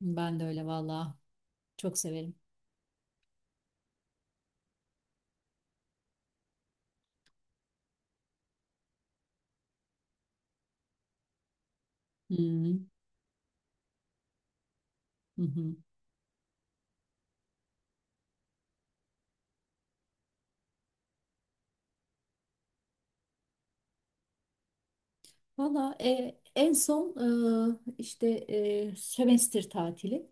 Ben de öyle vallahi. Çok severim. Hı hı. Hı. Hı. Valla, en son işte sömestr tatili.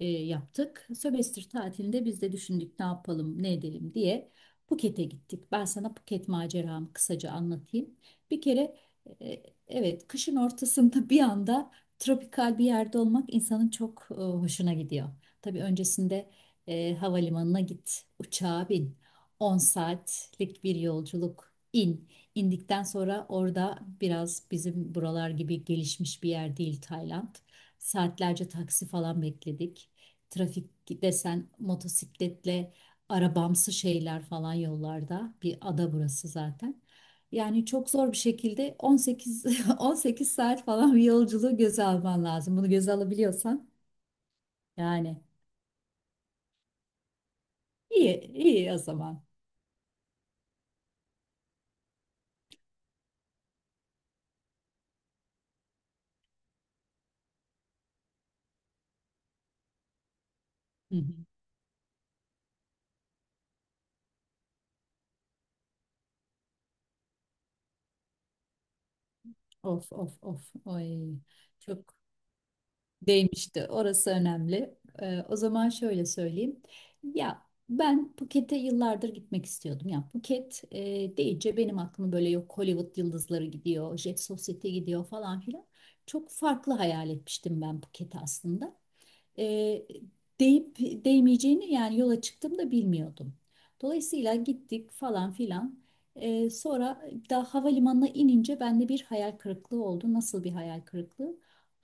Yaptık. Sömestr tatilinde biz de düşündük ne yapalım, ne edelim diye Phuket'e gittik. Ben sana Phuket maceramı kısaca anlatayım. Bir kere, e, evet, kışın ortasında bir anda tropikal bir yerde olmak insanın çok hoşuna gidiyor. Tabii öncesinde havalimanına git, uçağa bin. 10 saatlik bir yolculuk in. İndikten sonra orada biraz bizim buralar gibi gelişmiş bir yer değil Tayland. Saatlerce taksi falan bekledik. Trafik desen motosikletle arabamsı şeyler falan yollarda. Bir ada burası zaten. Yani çok zor bir şekilde 18 saat falan bir yolculuğu göze alman lazım. Bunu göze alabiliyorsan yani iyi iyi o zaman. Hı hı. Of of of. Oy. Çok. Değmişti. Orası önemli. O zaman şöyle söyleyeyim. Ya ben Phuket'e yıllardır gitmek istiyordum. Ya Phuket deyince benim aklıma böyle, yok Hollywood yıldızları gidiyor, Jet Society gidiyor falan filan. Çok farklı hayal etmiştim ben Phuket'i aslında e, deyip değmeyeceğini yani yola çıktığımda bilmiyordum. Dolayısıyla gittik falan filan. Sonra daha havalimanına inince bende bir hayal kırıklığı oldu. Nasıl bir hayal kırıklığı?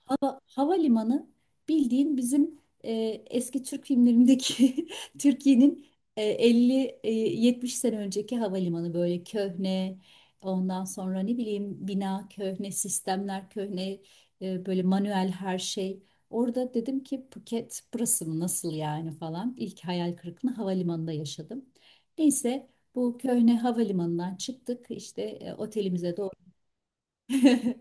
Havalimanı bildiğin bizim e, eski Türk filmlerindeki Türkiye'nin 50 70 sene önceki havalimanı, böyle köhne, ondan sonra ne bileyim, bina köhne, sistemler köhne, böyle manuel her şey. Orada dedim ki Phuket burası mı, nasıl yani falan. İlk hayal kırıklığını havalimanında yaşadım. Neyse, bu köhne havalimanından çıktık işte otelimize doğru.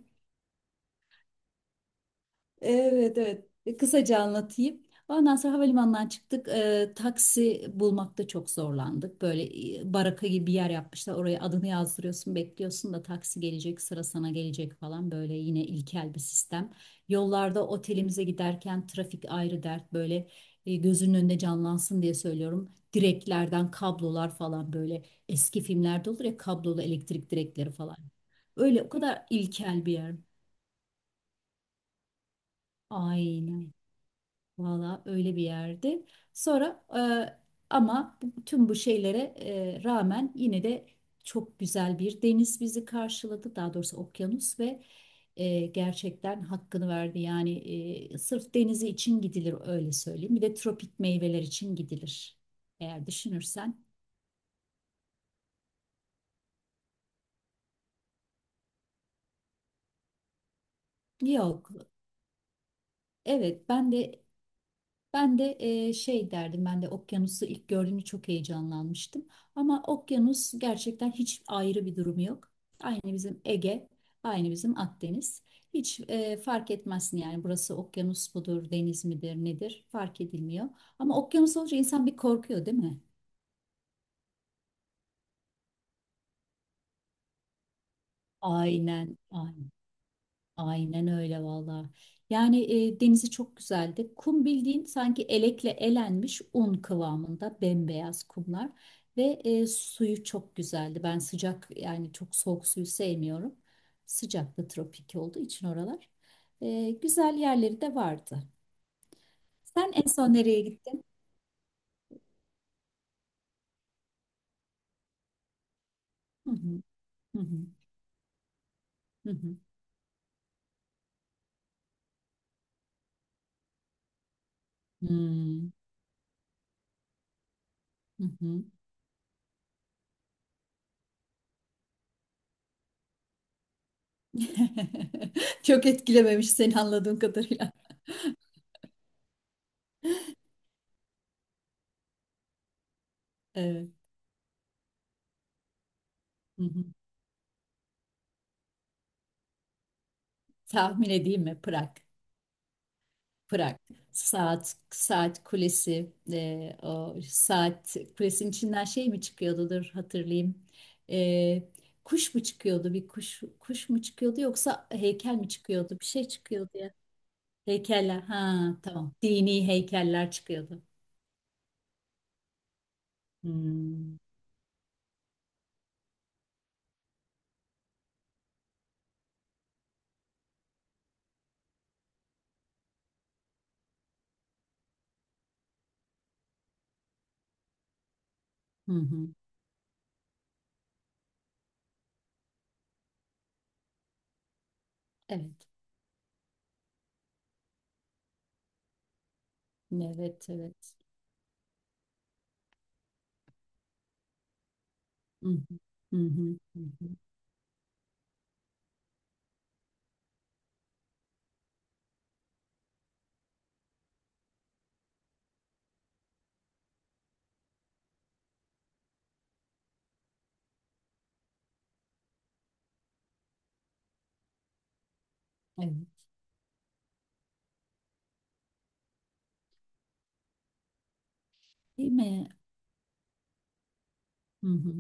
Evet, evet. Kısaca anlatayım. Ondan sonra havalimanından çıktık. Taksi bulmakta çok zorlandık. Böyle baraka gibi bir yer yapmışlar. Oraya adını yazdırıyorsun, bekliyorsun da taksi gelecek, sıra sana gelecek falan. Böyle yine ilkel bir sistem. Yollarda otelimize giderken trafik ayrı dert. Böyle gözünün önünde canlansın diye söylüyorum. Direklerden kablolar falan, böyle eski filmlerde olur ya, kablolu elektrik direkleri falan. Öyle o kadar ilkel bir yer. Aynen. Valla öyle bir yerdi. Sonra, ama tüm bu şeylere rağmen yine de çok güzel bir deniz bizi karşıladı. Daha doğrusu okyanus ve gerçekten hakkını verdi. Yani sırf denizi için gidilir, öyle söyleyeyim. Bir de tropik meyveler için gidilir, eğer düşünürsen. Yok. Evet, ben de şey derdim, ben de okyanusu ilk gördüğümde çok heyecanlanmıştım. Ama okyanus gerçekten hiç ayrı bir durumu yok. Aynı bizim Ege, aynı bizim Akdeniz. Hiç fark etmezsin yani burası okyanus mudur, deniz midir, nedir, fark edilmiyor. Ama okyanus olunca insan bir korkuyor değil mi? Aynen, aynen. Aynen öyle valla. Yani denizi çok güzeldi. Kum bildiğin sanki elekle elenmiş un kıvamında bembeyaz kumlar ve suyu çok güzeldi. Ben sıcak, yani çok soğuk suyu sevmiyorum. Sıcaklı tropik olduğu için oralar. Güzel yerleri de vardı. Sen en son nereye gittin? Hı hı, hı hı, hı hı, hmm, hı hı. Çok etkilememiş seni anladığım kadarıyla. Evet. Hı hı. Tahmin edeyim mi? Prag. Prag. Saat kulesi, o saat kulesinin içinden şey mi çıkıyordu? Dur hatırlayayım. E, Kuş mu çıkıyordu? Bir kuş mu çıkıyordu yoksa heykel mi çıkıyordu? Bir şey çıkıyordu ya. Heykeller. Ha, tamam. Dini heykeller çıkıyordu. Hmm. Hı hı. Evet. Evet, evet. Hı hı. Hı hı. Hı hı. Evet. Değil mi? Hı hı.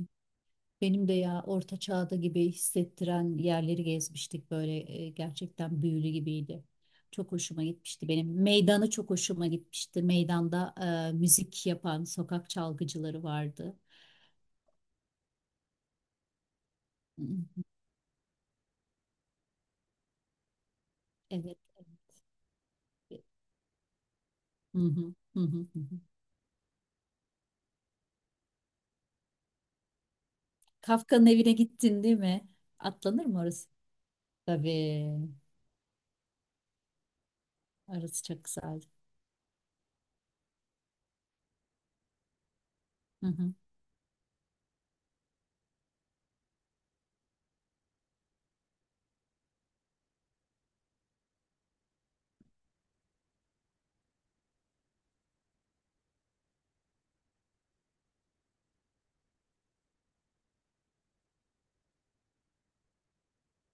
Benim de, ya orta çağda gibi hissettiren yerleri gezmiştik böyle, gerçekten büyülü gibiydi. Çok hoşuma gitmişti benim. Meydanı çok hoşuma gitmişti. Meydanda müzik yapan sokak çalgıcıları vardı. Hı hı. Evet. Evet. Hı hı, hı hı, hı hı. Kafka'nın evine gittin değil mi? Atlanır mı orası? Tabii. Orası çok güzel. Hı hı,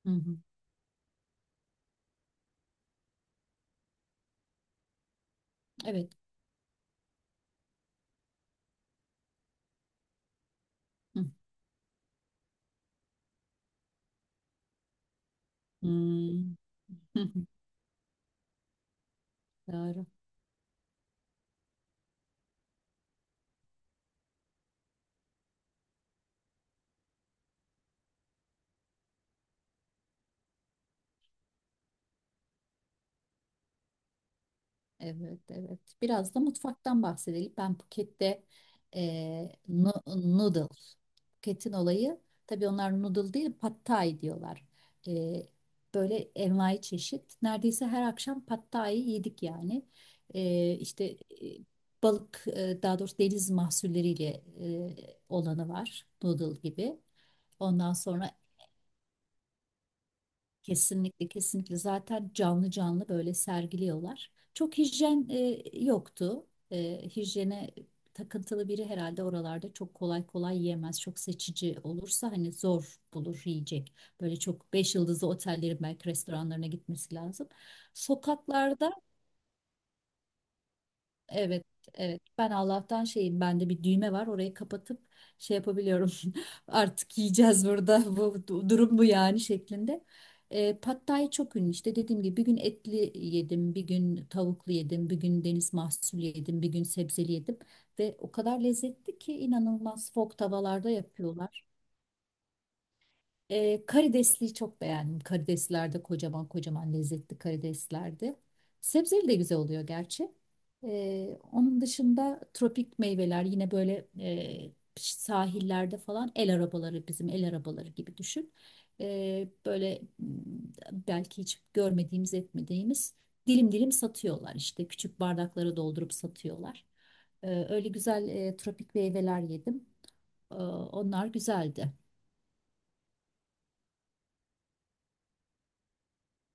hı hı. Evet. Hı. Hmm. Doğru. Evet, evet. Biraz da mutfaktan bahsedelim. Ben Phuket'te noodle. Phuket'in olayı, tabii onlar noodle değil pad thai diyorlar. Eee, Böyle envai çeşit. Neredeyse her akşam pad thai yedik yani. İşte, balık, daha doğrusu deniz mahsulleriyle olanı var. Noodle gibi. Ondan sonra, kesinlikle, kesinlikle zaten canlı canlı böyle sergiliyorlar. Çok hijyen yoktu. Hijyene takıntılı biri herhalde oralarda çok kolay kolay yiyemez. Çok seçici olursa hani zor bulur yiyecek. Böyle çok 5 yıldızlı otellerin belki restoranlarına gitmesi lazım. Sokaklarda. Evet, evet. Ben Allah'tan şeyim, bende bir düğme var. Orayı kapatıp şey yapabiliyorum. Artık yiyeceğiz burada. Bu durum bu yani şeklinde. Pad Thai çok ünlü. İşte dediğim gibi bir gün etli yedim, bir gün tavuklu yedim, bir gün deniz mahsulü yedim, bir gün sebzeli yedim ve o kadar lezzetli ki inanılmaz. Fok tavalarda yapıyorlar. Karidesliği çok beğendim. Karideslerde kocaman kocaman lezzetli karideslerdi. Sebzeli de güzel oluyor gerçi. Onun dışında tropik meyveler yine böyle, sahillerde falan el arabaları, bizim el arabaları gibi düşün. Böyle belki hiç görmediğimiz etmediğimiz dilim dilim satıyorlar, işte küçük bardaklara doldurup satıyorlar. Öyle güzel tropik meyveler yedim. Onlar güzeldi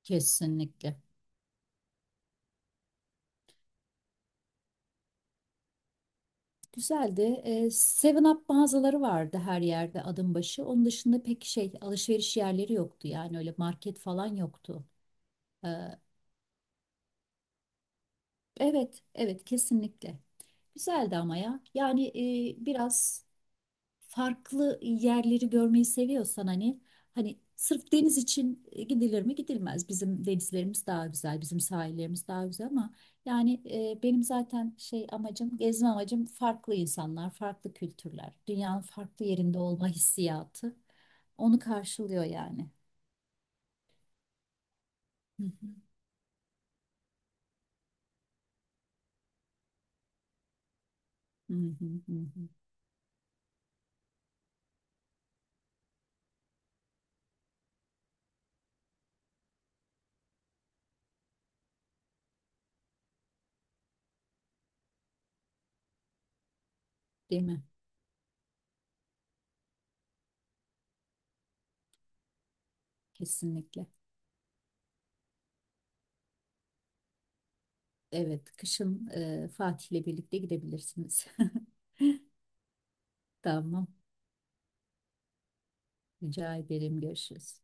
kesinlikle. Güzeldi. Seven Up mağazaları vardı her yerde adım başı. Onun dışında pek şey alışveriş yerleri yoktu yani, öyle market falan yoktu. E, evet, evet kesinlikle. Güzeldi ama ya. Yani biraz farklı yerleri görmeyi seviyorsan, hani sırf deniz için gidilir mi? Gidilmez. Bizim denizlerimiz daha güzel, bizim sahillerimiz daha güzel ama yani, benim zaten şey amacım, gezme amacım farklı insanlar, farklı kültürler, dünyanın farklı yerinde olma hissiyatı. Onu karşılıyor yani. Hı hı, hı hı, hı hı. Değil mi? Kesinlikle. Evet, kışın, Fatih'le birlikte gidebilirsiniz. Tamam. Rica ederim. Görüşürüz.